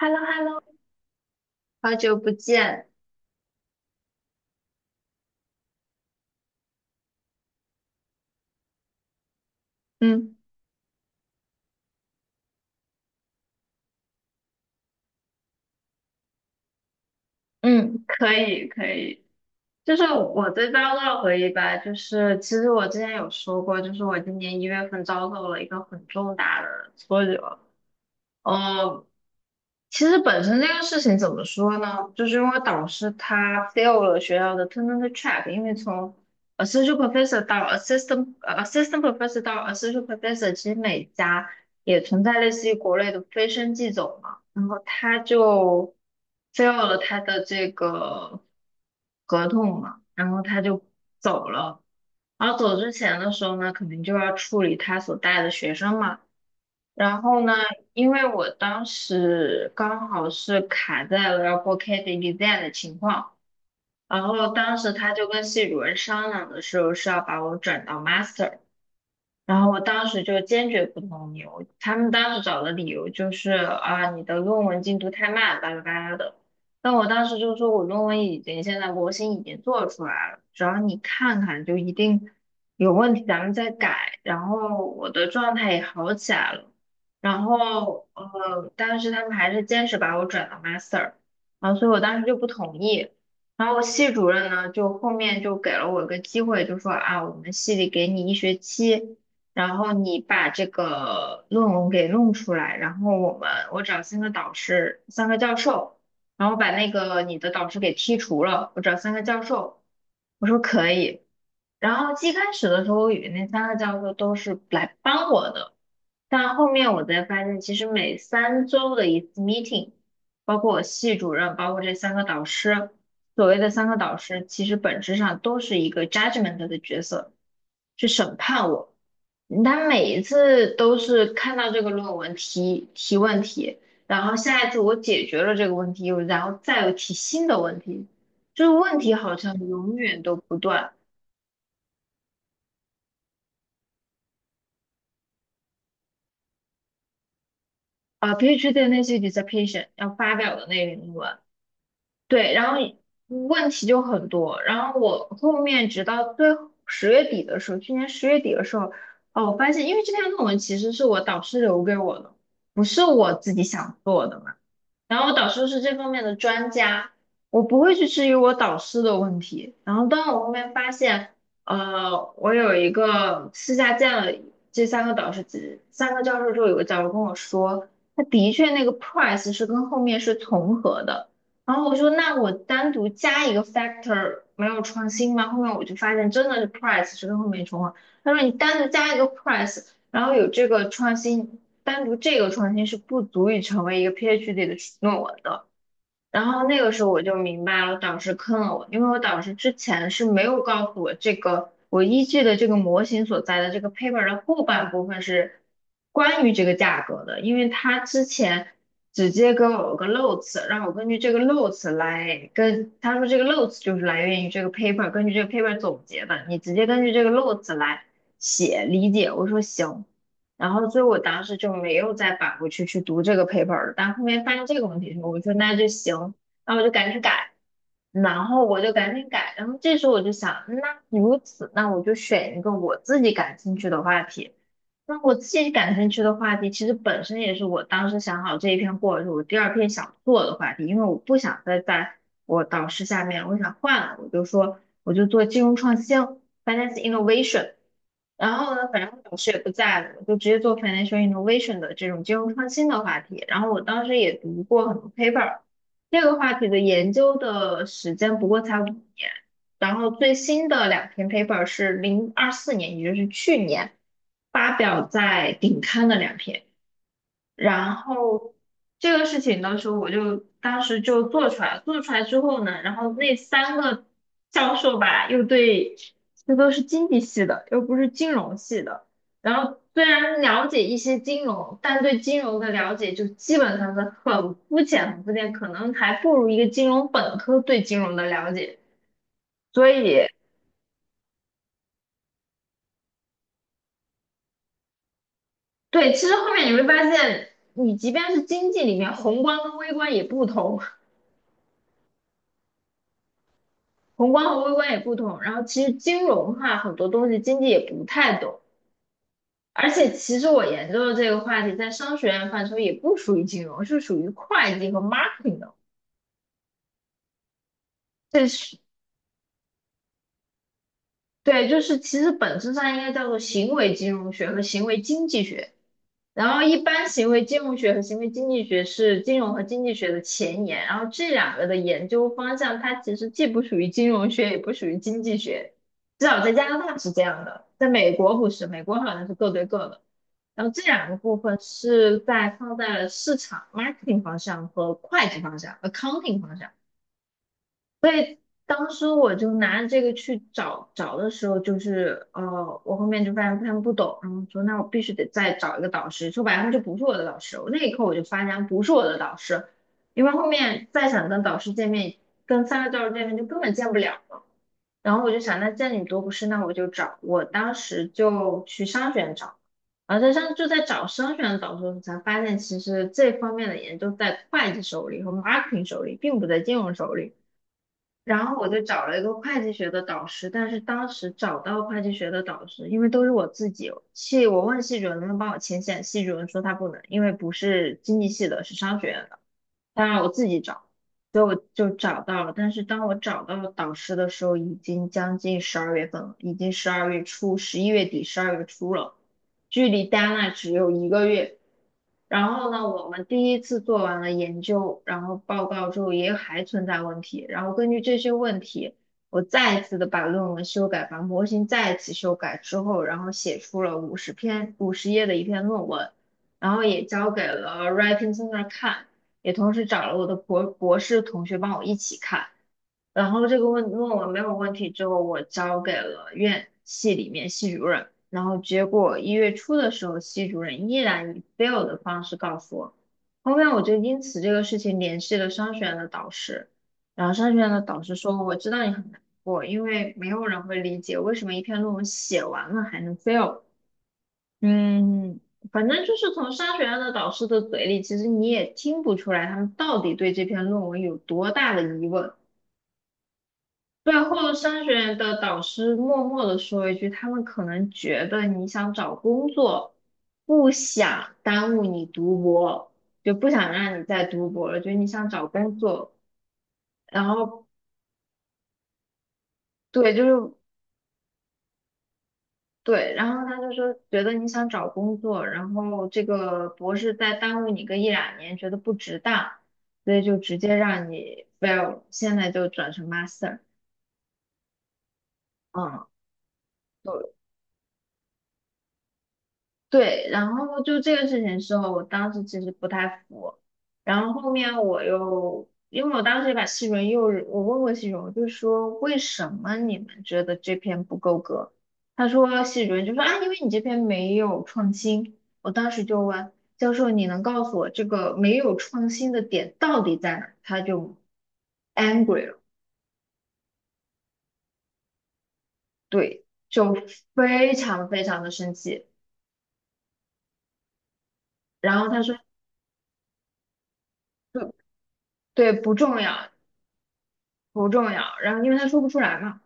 h e l l o hello 好久不见。嗯，嗯可以，可以。就是我对遭受的回忆吧，就是其实我之前有说过，就是我今年一月份遭受了一个很重大的挫折。呃，其实本身这个事情怎么说呢？就是因为导师他 fail 了学校的 tenure track，因为从 a s s o c i a t professor 到 assistant professor 到 associate professor,其实每家也存在类似于国内的飞升即走嘛，然后他就 fail 了他的这个合同嘛，然后他就走了。然后走之前的时候呢，肯定就要处理他所带的学生嘛。然后呢，因为我当时刚好是卡在了要过 CAD exam 的情况，然后当时他就跟系主任商量的时候是要把我转到 master。然后我当时就坚决不同意，我他们当时找的理由就是啊，你的论文进度太慢，巴拉巴拉的。但我当时就说，我论文已经现在模型已经做出来了，只要你看看就一定有问题，咱们再改。然后我的状态也好起来了，然后但是他们还是坚持把我转到 master,然后所以我当时就不同意。然后系主任呢，就后面就给了我一个机会，就说啊，我们系里给你一学期。然后你把这个论文给弄出来，然后我找三个导师，三个教授，然后把那个你的导师给剔除了，我找三个教授，我说可以，然后最开始的时候，我以那三个教授都是来帮我的，但后面我才发现，其实每三周的一次 meeting,包括我系主任，包括这三个导师，所谓的三个导师，其实本质上都是一个 judgment 的角色，去审判我。他每一次都是看到这个论文提问题，然后下一次我解决了这个问题，又然后再有提新的问题，就是问题好像永远都不断。啊 PhD 的那些 dissertation 要发表的那个论文，对，然后问题就很多。然后我后面直到最十月底的时候，去年十月底的时候，哦，我发现，因为这篇论文其实是我导师留给我的，不是我自己想做的嘛。然后我导师是这方面的专家，我不会去质疑我导师的问题。然后当我后面发现，我有一个私下见了这三个导师，这三个教授之后，有个教授跟我说，他的确那个 price 是跟后面是重合的。然后我说，那我单独加一个 factor 没有创新吗？后面我就发现真的是 price 是跟后面重合。他说你单独加一个 price,然后有这个创新。单独这个创新是不足以成为一个 PhD 的论文的。然后那个时候我就明白了，导师坑了我，因为我导师之前是没有告诉我这个我依据的这个模型所在的这个 paper 的后半部分是关于这个价格的，因为他之前直接给我个 notes,让我根据这个 notes 来跟他说这个 notes 就是来源于这个 paper,根据这个 paper 总结的，你直接根据这个 notes 来写理解。我说行。然后所以我当时就没有再返回去读这个 paper 了。但后面发现这个问题之后，我说那就行，那我就赶紧改，然后我就赶紧改。然后这时候我就想，那如此，那我就选一个我自己感兴趣的话题。那我自己感兴趣的话题，其实本身也是我当时想好这一篇过后，是我第二篇想做的话题，因为我不想再在我导师下面，我想换了，我就说我就做金融创新。finance innovation。然后呢，反正我老师也不在了，我就直接做 financial innovation 的这种金融创新的话题。然后我当时也读过很多 paper,这个话题的研究的时间不过才5年。然后最新的两篇 paper 是2024年，也就是去年发表在顶刊的两篇。然后这个事情的时候，我就当时就做出来了，做出来之后呢，然后那三个教授吧，又对，这都是经济系的，又不是金融系的。然后虽然了解一些金融，但对金融的了解就基本上是很肤浅，很肤浅，可能还不如一个金融本科对金融的了解。所以，对，其实后面你会发现，你即便是经济里面，宏观跟微观也不同。宏观和微观也不同。然后其实金融哈很多东西经济也不太懂。而且其实我研究的这个话题，在商学院范畴也不属于金融，是属于会计和 marketing 的。这是对，就是其实本质上应该叫做行为金融学和行为经济学。然后一般行为金融学和行为经济学是金融和经济学的前沿，然后这两个的研究方向，它其实既不属于金融学，也不属于经济学，至少在加拿大是这样的，在美国不是，美国好像是各对各的。然后这两个部分是在放在了市场 marketing 方向和会计方向 accounting 方向。所以当时我就拿着这个去找找的时候，就是我后面就发现他们不懂，然后说那我必须得再找一个导师。说白了，他就不是我的导师。那一刻我就发现不是我的导师，因为后面再想跟导师见面，跟三个教授见面就根本见不了了。然后我就想，那见你多不是，那我就找。我当时就去商学院找，然后在上就在找商学院的导师的时候，才发现其实这方面的研究在会计手里和 marketing 手里，并不在金融手里。然后我就找了一个会计学的导师，但是当时找到会计学的导师，因为都是我自己，系我问系主任能不能帮我牵线，系主任说他不能，因为不是经济系的，是商学院的。当然我自己找，所以我就找到了。但是当我找到了导师的时候，已经将近十二月份了，已经十二月初，十一月底，十二月初了。距离 Deane 只有一个月。然后呢，我们第一次做完了研究，然后报告之后也还存在问题，然后根据这些问题，我再一次的把论文修改，把模型再一次修改之后，然后写出了五十篇五十页的一篇论文，然后也交给了 Writing Center 看，也同时找了我的博士同学帮我一起看。然后这个论文没有问题之后，我交给了院系里面系主任，然后结果一月初的时候，系主任依然以 fail 的方式告诉我。后面我就因此这个事情联系了商学院的导师，然后商学院的导师说："我知道你很难过，因为没有人会理解为什么一篇论文写完了还能 fail。"嗯，反正就是从商学院的导师的嘴里，其实你也听不出来他们到底对这篇论文有多大的疑问。最后商学院的导师默默的说一句，他们可能觉得你想找工作，不想耽误你读博，就不想让你再读博了，觉得你想找工作，然后对，就是对，然后他就说觉得你想找工作，然后这个博士再耽误你个一两年，觉得不值当，所以就直接让你 fail,现在就转成 master,嗯。对，然后就这个事情时候，我当时其实不太服，然后后面我又，因为我当时也把西荣又，我问过西荣，我就说为什么你们觉得这篇不够格？他说西荣就说啊，因为你这篇没有创新。我当时就问教授，你能告诉我这个没有创新的点到底在哪？他就 angry 了，对，就非常非常的生气。然后他说，对，对不重要，不重要。然后因为他说不出来嘛，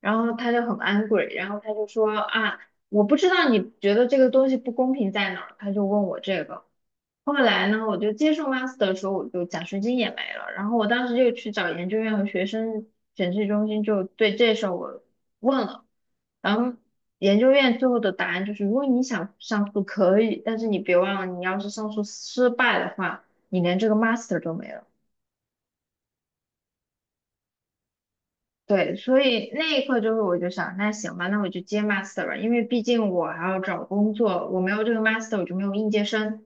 然后他就很 angry,然后他就说啊，我不知道你觉得这个东西不公平在哪儿，他就问我这个。后来呢，我就接受 master 的时候，我就奖学金也没了。然后我当时就去找研究院和学生审计中心，就对这事儿我问了。然后研究院最后的答案就是，如果你想上诉可以，但是你别忘了，你要是上诉失败的话，你连这个 master 都没了。对，所以那一刻就是我就想，那行吧，那我就接 master 吧，因为毕竟我还要找工作，我没有这个 master 我就没有应届生。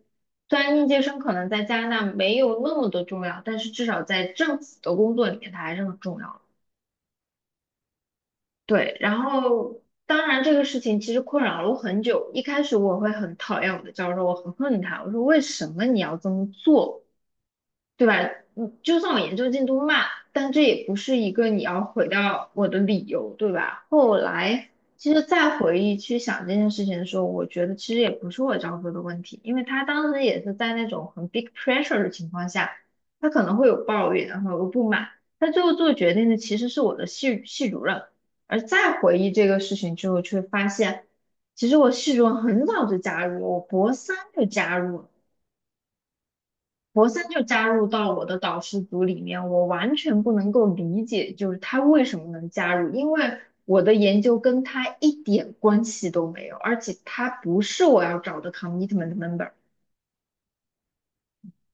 虽然应届生可能在加拿大没有那么的重要，但是至少在政府的工作里面它还是很重要的。对，然后当然这个事情其实困扰了我很久，一开始我会很讨厌我的教授，我很恨他，我说为什么你要这么做？对吧？就算我研究进度慢，但这也不是一个你要毁掉我的理由，对吧？后来其实再回忆去想这件事情的时候，我觉得其实也不是我教授的问题，因为他当时也是在那种很 big pressure 的情况下，他可能会有抱怨，然后有不满，他最后做决定的其实是我的系主任。而再回忆这个事情之后，却发现其实我系主任很早就加入，我博三就加入，博森就加入到我的导师组里面，我完全不能够理解，就是他为什么能加入，因为我的研究跟他一点关系都没有，而且他不是我要找的 commitment member,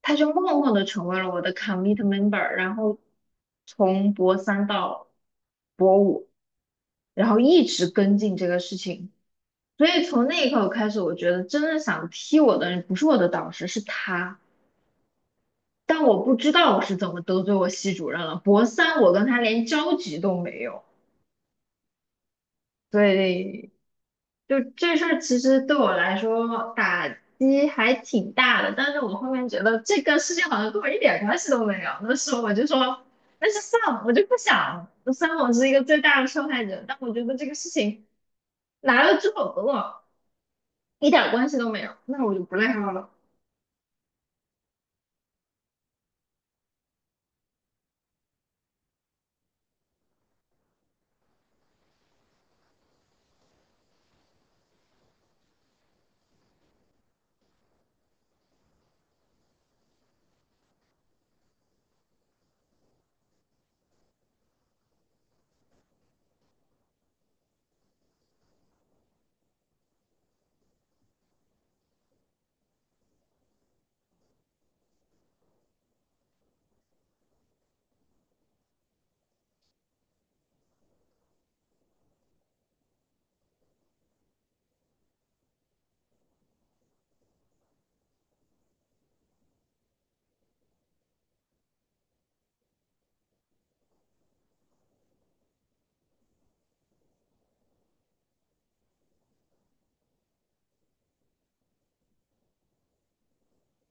他就默默的成为了我的 commitment member,然后从博三到博五，然后一直跟进这个事情，所以从那一刻开始，我觉得真正想踢我的人不是我的导师，是他。但我不知道我是怎么得罪我系主任了。博三我跟他连交集都没有，所以就这事儿其实对我来说打击还挺大的。但是我后面觉得这个事情好像跟我一点关系都没有，那时候我就说，那就算了，我就不想。虽然我是一个最大的受害者，但我觉得这个事情来了之后和我一点关系都没有，那我就不内耗了。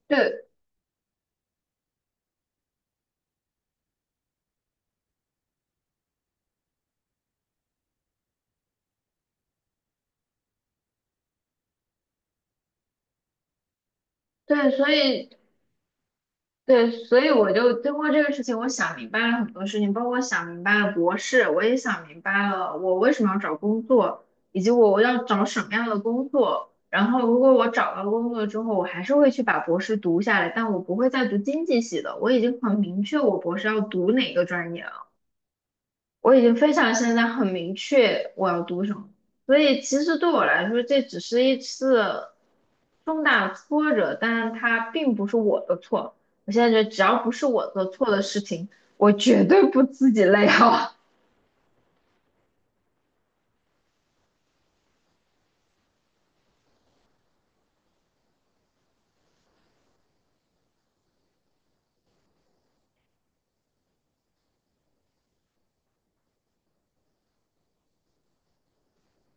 对对，所以对，所以我就通过这个事情，我想明白了很多事情，包括想明白了博士，我也想明白了我为什么要找工作，以及我要找什么样的工作。然后，如果我找到工作之后，我还是会去把博士读下来，但我不会再读经济系的。我已经很明确我博士要读哪个专业了。我已经非常现在很明确我要读什么，所以其实对我来说，这只是一次重大挫折，但是它并不是我的错。我现在觉得，只要不是我的错的事情，我绝对不自己内耗。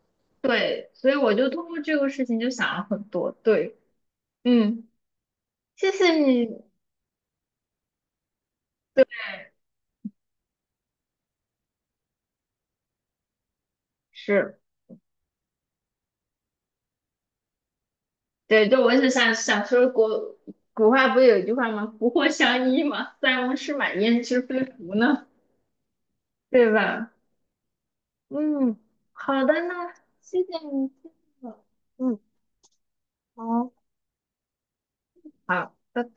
对，所以我就通过这个事情就想了很多。对，嗯，谢谢你。对，是，对，就我是想想说国古话不是有一句话吗？福祸相依嘛，塞翁失马焉知非福呢，对吧？嗯，好的呢，谢谢你，谢谢我嗯，好，好，拜拜。